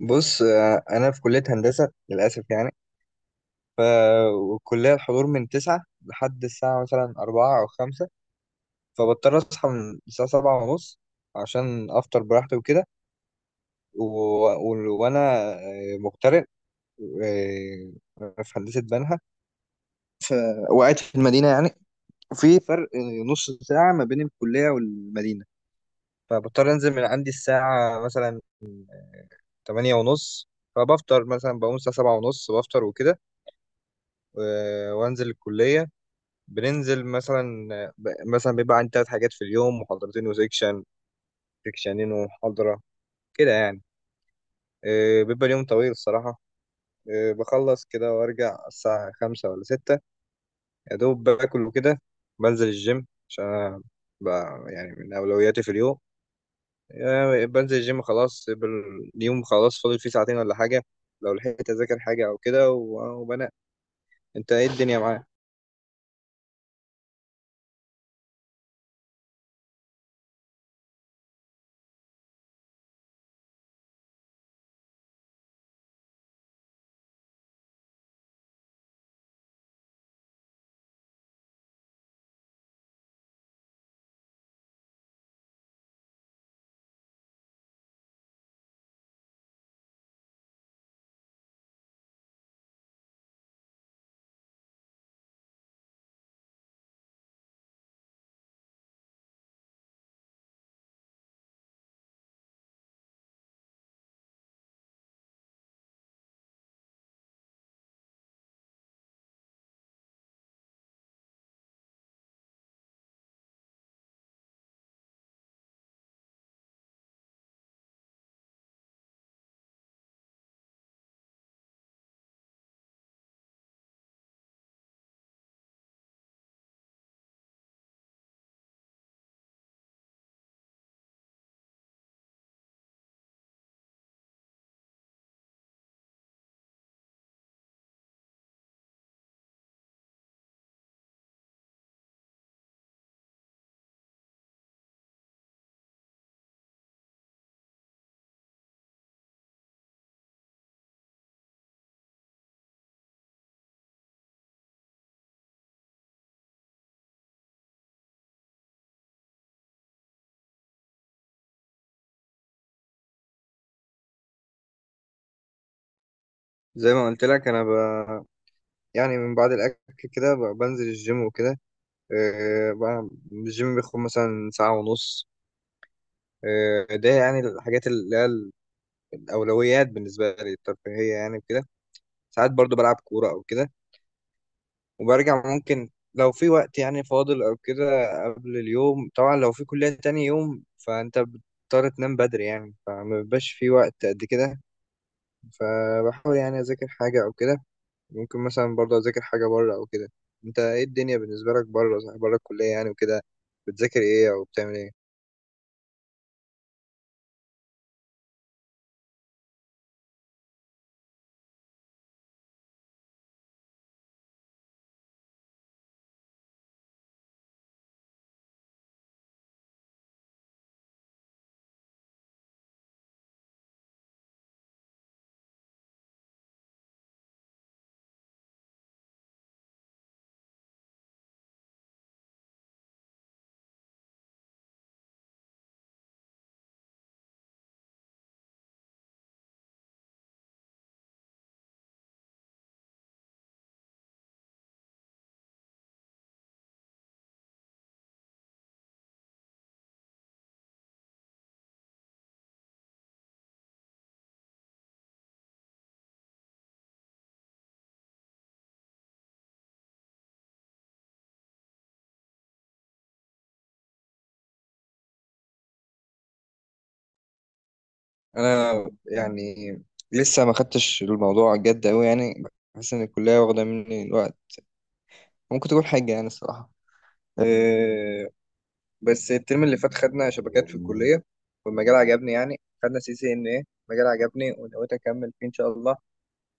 بص، انا في كليه هندسه للاسف يعني. ف والكليه الحضور من 9 لحد الساعه مثلا 4 او 5. فبضطر اصحى من الساعه 7 ونص عشان افطر براحتي وكده. و... و... وانا مغترب، آه، في هندسه بنها، وقاعد في المدينه يعني. في فرق نص ساعه ما بين الكليه والمدينه، فبضطر انزل من عندي الساعه مثلا 8 ونص. فبفطر مثلا، بقوم الساعه 7 ونص بفطر وكده وانزل الكليه. بننزل مثلا، مثلا بيبقى عندي تلات حاجات في اليوم: محاضرتين وسيكشن، سيكشنين ومحاضرة كده يعني. بيبقى اليوم طويل الصراحة. بخلص كده وارجع الساعة 5 ولا 6، يا دوب باكل وكده. بنزل الجيم عشان أنا يعني من أولوياتي في اليوم. بنزل الجيم خلاص. يبقى اليوم خلاص فاضل فيه ساعتين ولا حاجة، لو لحقت أذاكر حاجة أو كده وبنام. أنت إيه الدنيا معاك؟ زي ما قلت لك أنا يعني من بعد الأكل كده بنزل الجيم وكده. بقى الجيم بياخد مثلا ساعة ونص. ده يعني الحاجات اللي هي الأولويات بالنسبة لي، الترفيهية يعني وكده. ساعات برضو بلعب كورة أو كده، وبرجع ممكن لو في وقت يعني فاضل أو كده. قبل اليوم طبعا لو في كلية تاني يوم فأنت بتضطر تنام بدري يعني، فما بيبقاش في وقت قد كده. فبحاول يعني أذاكر حاجة أو كده. ممكن مثلا برضو أذاكر حاجة بره أو كده. أنت إيه الدنيا بالنسبة لك بره بره الكلية يعني وكده؟ بتذاكر إيه أو بتعمل إيه؟ انا يعني لسه ما خدتش الموضوع جد قوي يعني. بحس ان الكليه واخده مني الوقت، ممكن تكون حاجه يعني الصراحه. أه. بس الترم اللي فات خدنا شبكات في الكليه، والمجال عجبني يعني. خدنا سي سي ان ايه، مجال عجبني ونويت اكمل فيه ان شاء الله.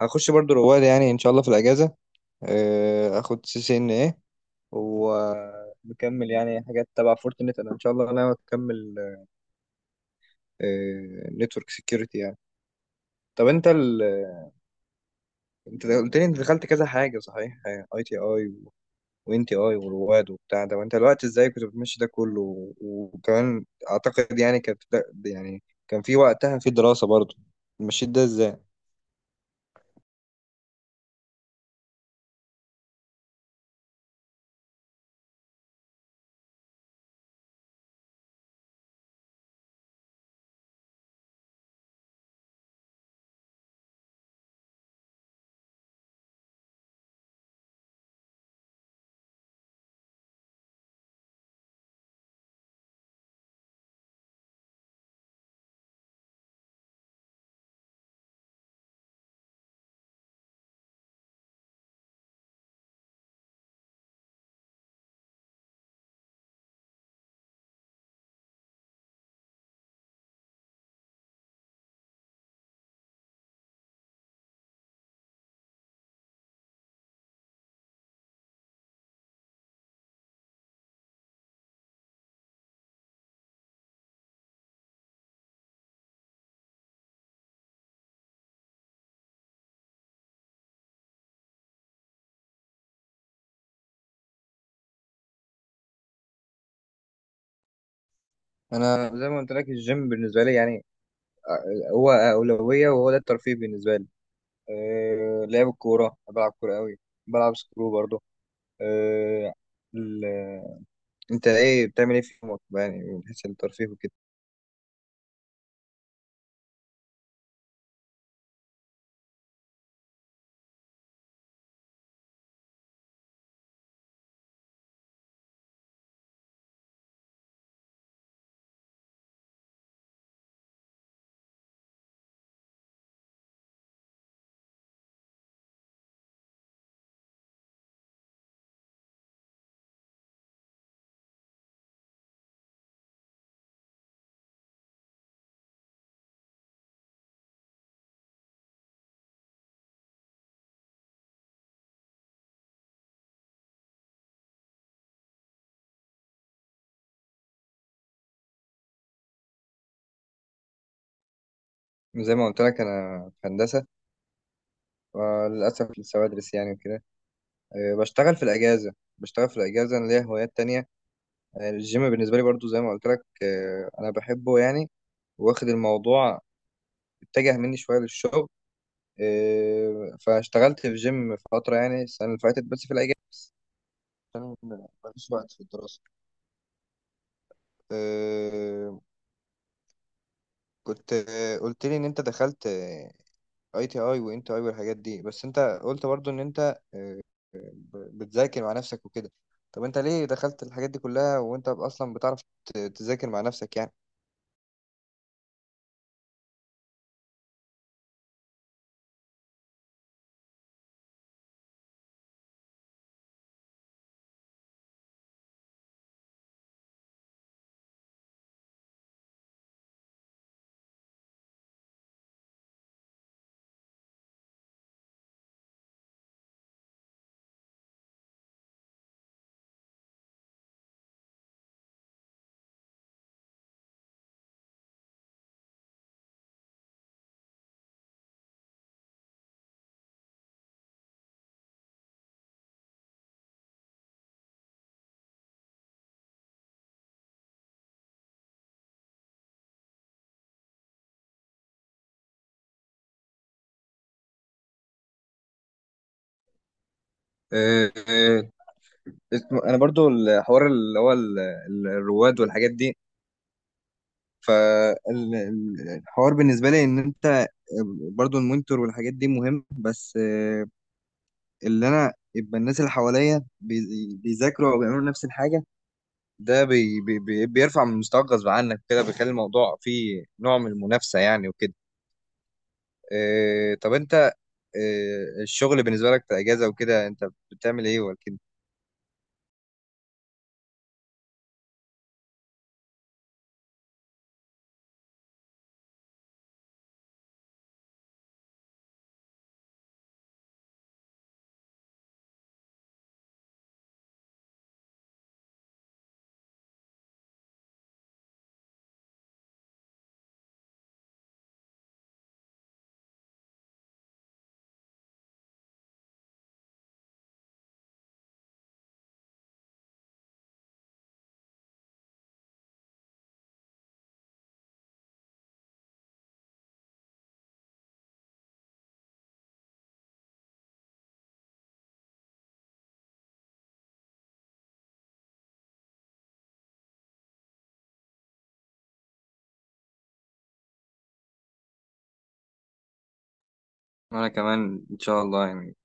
هخش برضو رواد يعني ان شاء الله في الاجازه. أه، اخد سي سي ان ايه ومكمل يعني حاجات تبع فورتنت. انا ان شاء الله انا اكمل نتورك سكيورتي يعني. طب انت قلت لي انت دخلت كذا حاجه صحيح: اي تي اي وان تي اي ورواد وبتاع ده. وانت الوقت ازاي كنت بتمشي ده كله وكمان، اعتقد يعني كانت يعني كان في وقتها في دراسه برضه. مشيت ده ازاي؟ انا زي ما قلت لك الجيم بالنسبه لي يعني هو اولويه، وهو ده الترفيه بالنسبه لي. أه، لعب الكوره، بلعب كوره قوي، بلعب سكرو برضه. أه ال- انت ايه بتعمل ايه في يومك يعني من حيث الترفيه وكده؟ زي ما قلت لك انا في هندسه، للأسف لسه بدرس يعني وكده. بشتغل في الأجازة، أنا ليا هوايات تانية. الجيم بالنسبة لي برضو زي ما قلت لك، أنا بحبه يعني. واخد الموضوع اتجه مني شوية للشغل. فاشتغلت في جيم فترة يعني السنة اللي فاتت بس في الأجازة، عشان مفيش وقت في الدراسة. آه، كنت قلت لي إن أنت دخلت اي تي اي وان تي اي والحاجات دي. بس انت قلت برضو ان انت بتذاكر مع نفسك وكده. طب انت ليه دخلت الحاجات دي كلها وانت اصلا بتعرف تذاكر مع نفسك يعني؟ آه، آه، انا برضو الحوار اللي هو الرواد والحاجات دي. فالحوار بالنسبه لي ان انت برضو المونيتور والحاجات دي مهم، بس اللي انا يبقى الناس اللي حواليا بيذاكروا او بيعملوا نفس الحاجه، ده بيرفع من مستواك غصب عنك كده، بيخلي الموضوع فيه نوع من المنافسة يعني وكده. إيه طب انت، إيه الشغل بالنسبة لك في اجازة وكده، انت بتعمل ايه ولا كده؟ وانا كمان ان شاء الله يعني.